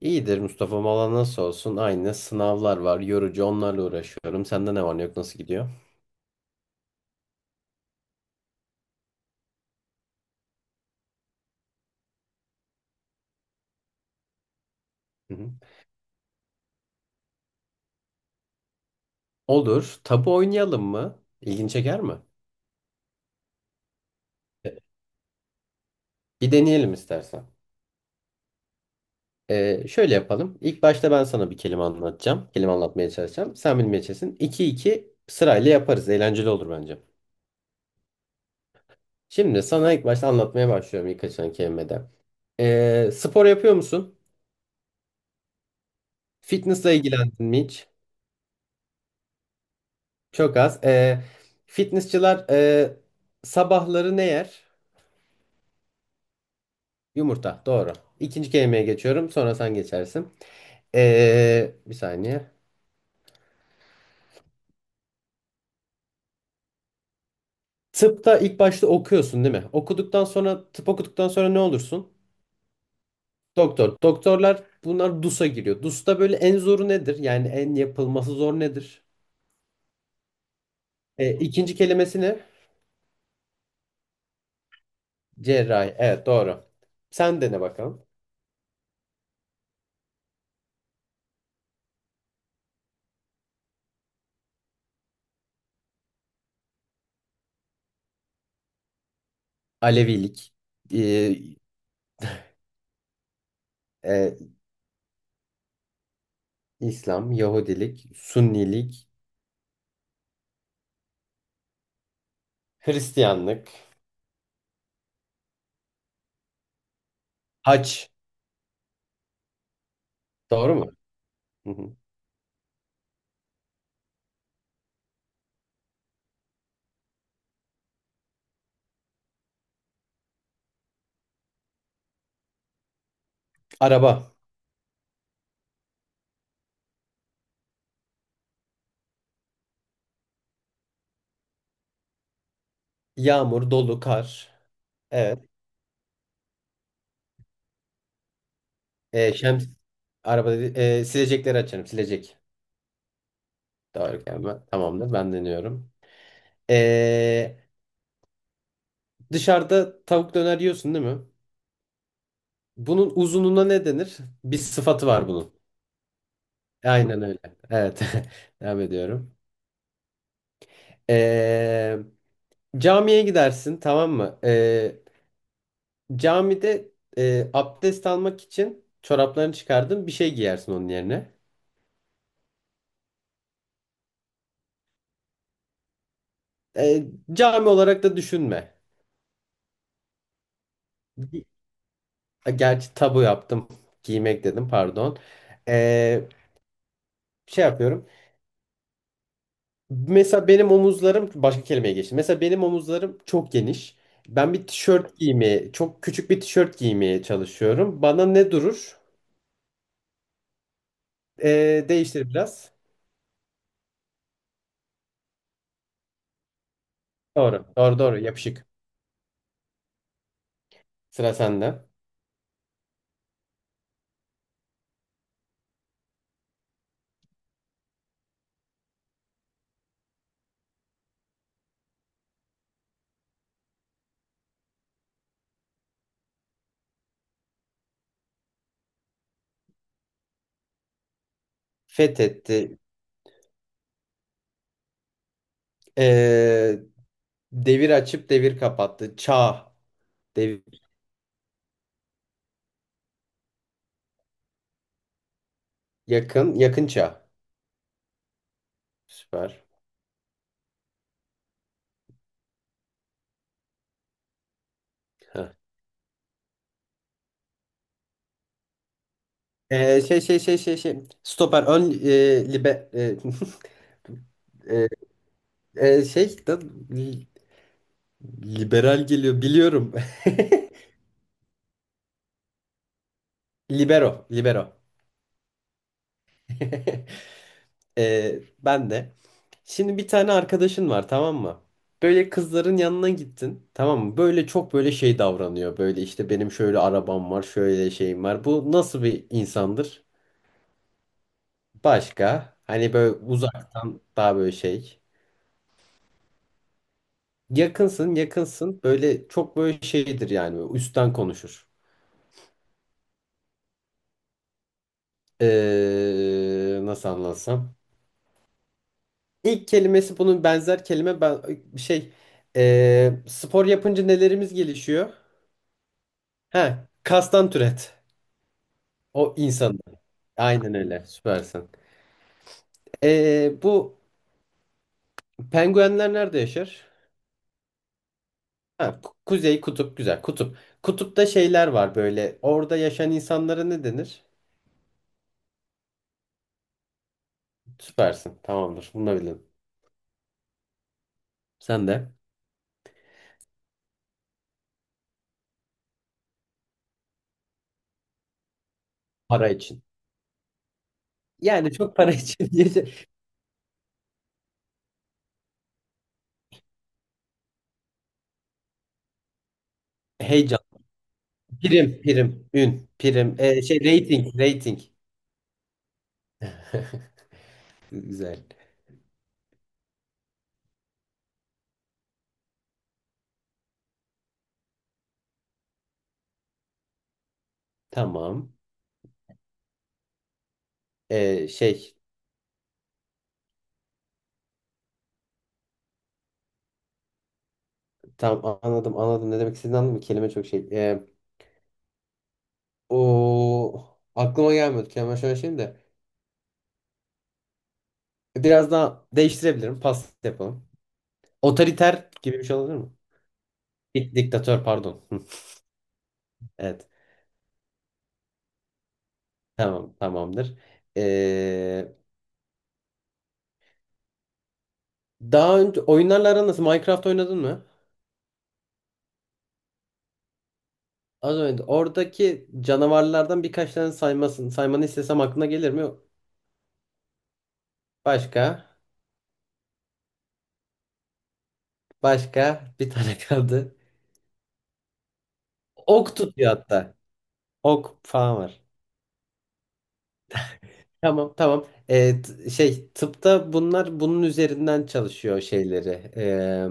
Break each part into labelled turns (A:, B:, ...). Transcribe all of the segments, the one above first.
A: İyidir Mustafa. Valla nasıl olsun? Aynı, sınavlar var. Yorucu, onlarla uğraşıyorum. Sende ne var ne yok, nasıl gidiyor? Hı hı. Olur. Tabu oynayalım mı? İlgin çeker mi? E, Bir deneyelim istersen. Şöyle yapalım. İlk başta ben sana bir kelime anlatacağım. Kelime anlatmaya çalışacağım. Sen bilmeye çalışsın. İki iki sırayla yaparız. Eğlenceli olur bence. Şimdi sana ilk başta anlatmaya başlıyorum ilk açılan kelimede. Spor yapıyor musun? Fitness'la ilgilendin mi hiç? Çok az. Fitnessçılar sabahları ne yer? Yumurta. Doğru. İkinci kelimeye geçiyorum. Sonra sen geçersin. Bir saniye. Tıpta ilk başta okuyorsun değil mi? Okuduktan sonra tıp okuduktan sonra ne olursun? Doktor. Doktorlar bunlar DUS'a giriyor. DUS'ta böyle en zoru nedir? Yani en yapılması zor nedir? İkinci kelimesi ne? Cerrahi. Evet, doğru. Sen dene bakalım. Alevilik. Ee, e, İslam, Yahudilik, Sünnilik, Hristiyanlık, haç, doğru mu? Hı hı. Araba, yağmur, dolu, kar. Evet. E, şems, araba dedi, silecekleri açarım, silecek. Doğru gelme. Tamamdır, ben deniyorum. E, Dışarıda tavuk döner yiyorsun değil mi? Bunun uzunluğuna ne denir? Bir sıfatı var bunun. Aynen öyle. Evet. Devam ediyorum. E, Camiye gidersin, tamam mı? Camide abdest almak için çoraplarını çıkardın, bir şey giyersin onun yerine. E, Cami olarak da düşünme. Gi- Gerçi tabu yaptım. Giymek dedim, pardon. E, Şey yapıyorum. Mesela benim omuzlarım başka kelimeye geçti. Mesela benim omuzlarım çok geniş. Ben bir tişört giymeye, çok küçük bir tişört giymeye çalışıyorum. Bana ne durur? Değiştir biraz. Doğru, doğru, doğru. Yapışık. Sıra sende. Fethetti. E, Devir açıp devir kapattı. Çağ. Devir. Yakın. Yakın çağ. Süper. Heh. Stoper. Ön e, libe, e, e, e, şey da, li- liberal geliyor. Biliyorum. Libero. Libero. Ben de. Şimdi bir tane arkadaşın var, tamam mı? Böyle kızların yanına gittin, tamam mı? Böyle çok böyle şey davranıyor. Böyle işte benim şöyle arabam var, şöyle şeyim var. Bu nasıl bir insandır? Başka, hani böyle uzaktan daha böyle şey. Yakınsın, yakınsın, böyle çok böyle şeydir yani, böyle üstten konuşur. Nasıl anlatsam. İlk kelimesi bunun benzer kelime, ben e, şey spor yapınca nelerimiz gelişiyor? Ha, kastan türet. O insan. Aynen öyle. Süpersin. Bu penguenler nerede yaşar? Ha, kuzey kutup, güzel kutup. Kutupta şeyler var böyle. Orada yaşayan insanlara ne denir? Süpersin. Tamamdır. Bunu da bildim. Sen de para için. Yani çok para için. Heyecan. Prim, prim, ün, prim, e, şey rating, rating. Güzel. Tamam. E, şey, tam anladım, anladım. Ne demek istediğini anladım. Kelime çok şey. O aklıma gelmiyordu. Kelime şöyle şeyim de. Biraz daha değiştirebilirim. Pas yapalım. Otoriter gibi bir şey olabilir mi? Diktatör, pardon. Evet. Tamam, tamamdır. E, Daha önce oyunlarla aran nasıl? Minecraft oynadın mı? Az önce oradaki canavarlardan birkaç tane saymasın. Saymanı istesem aklına gelir mi? Başka. Başka. Bir tane kaldı. Ok tutuyor hatta. Ok falan var. Tamam, tamam. Tıpta bunlar bunun üzerinden çalışıyor şeyleri. Ee,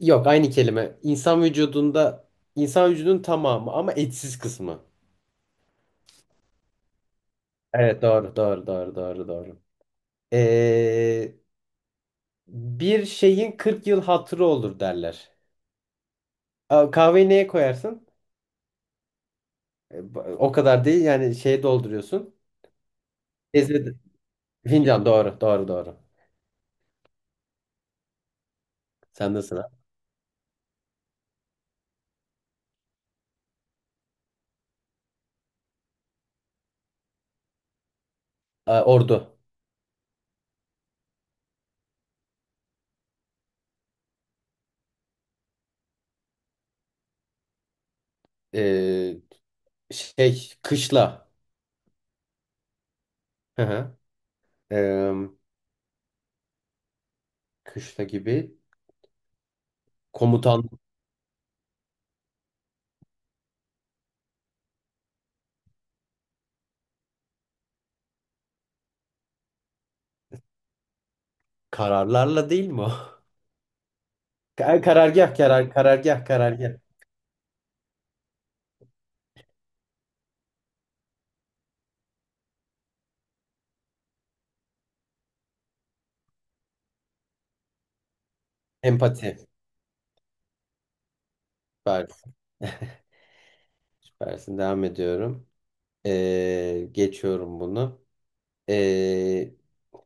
A: Yok, aynı kelime. İnsan vücudunda insan vücudunun tamamı, ama etsiz kısmı. Evet, doğru doğru doğru doğru doğru. Ee, Bir şeyin 40 yıl hatırı olur derler. A, kahveyi neye koyarsın? O kadar değil yani, şeye dolduruyorsun. Ezbede. Fincan, doğru doğru doğru. Sen de sıra. A, ordu. E, Şey, kışla. Hı hı. E, Kışla gibi. Komutan kararlarla değil mi o? Karargah, karar, karargah, karargah. Empati. Süper. Süpersin. Devam ediyorum. Geçiyorum bunu. Ee,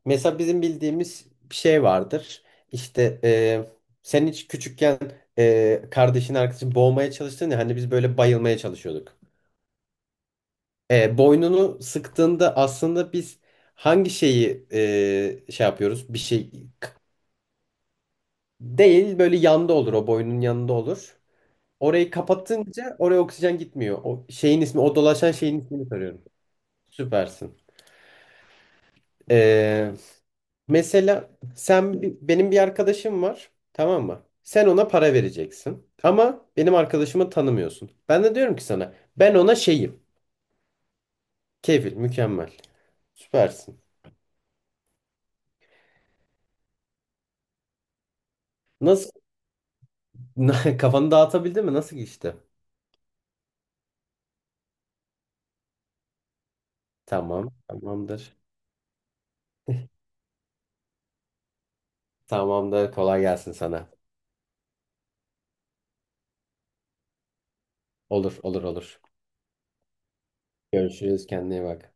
A: Mesela bizim bildiğimiz bir şey vardır. İşte sen hiç küçükken kardeşin arkadaşın boğmaya çalıştın ya, hani biz böyle bayılmaya çalışıyorduk. Boynunu sıktığında aslında biz hangi şeyi yapıyoruz? Bir şey k- değil, böyle yanda olur, o boynun yanında olur. Orayı kapatınca oraya oksijen gitmiyor. O şeyin ismi, o dolaşan şeyin ismini soruyorum. Süpersin. E, Mesela sen benim bir arkadaşım var, tamam mı? Sen ona para vereceksin. Ama benim arkadaşımı tanımıyorsun. Ben de diyorum ki sana, ben ona şeyim. Kefil, mükemmel. Süpersin. Nasıl kafanı dağıtabildin mi? Nasıl geçti? Tamam, tamamdır. Tamamdır. Kolay gelsin sana. Olur, olur, olur. Görüşürüz. Kendine iyi bak.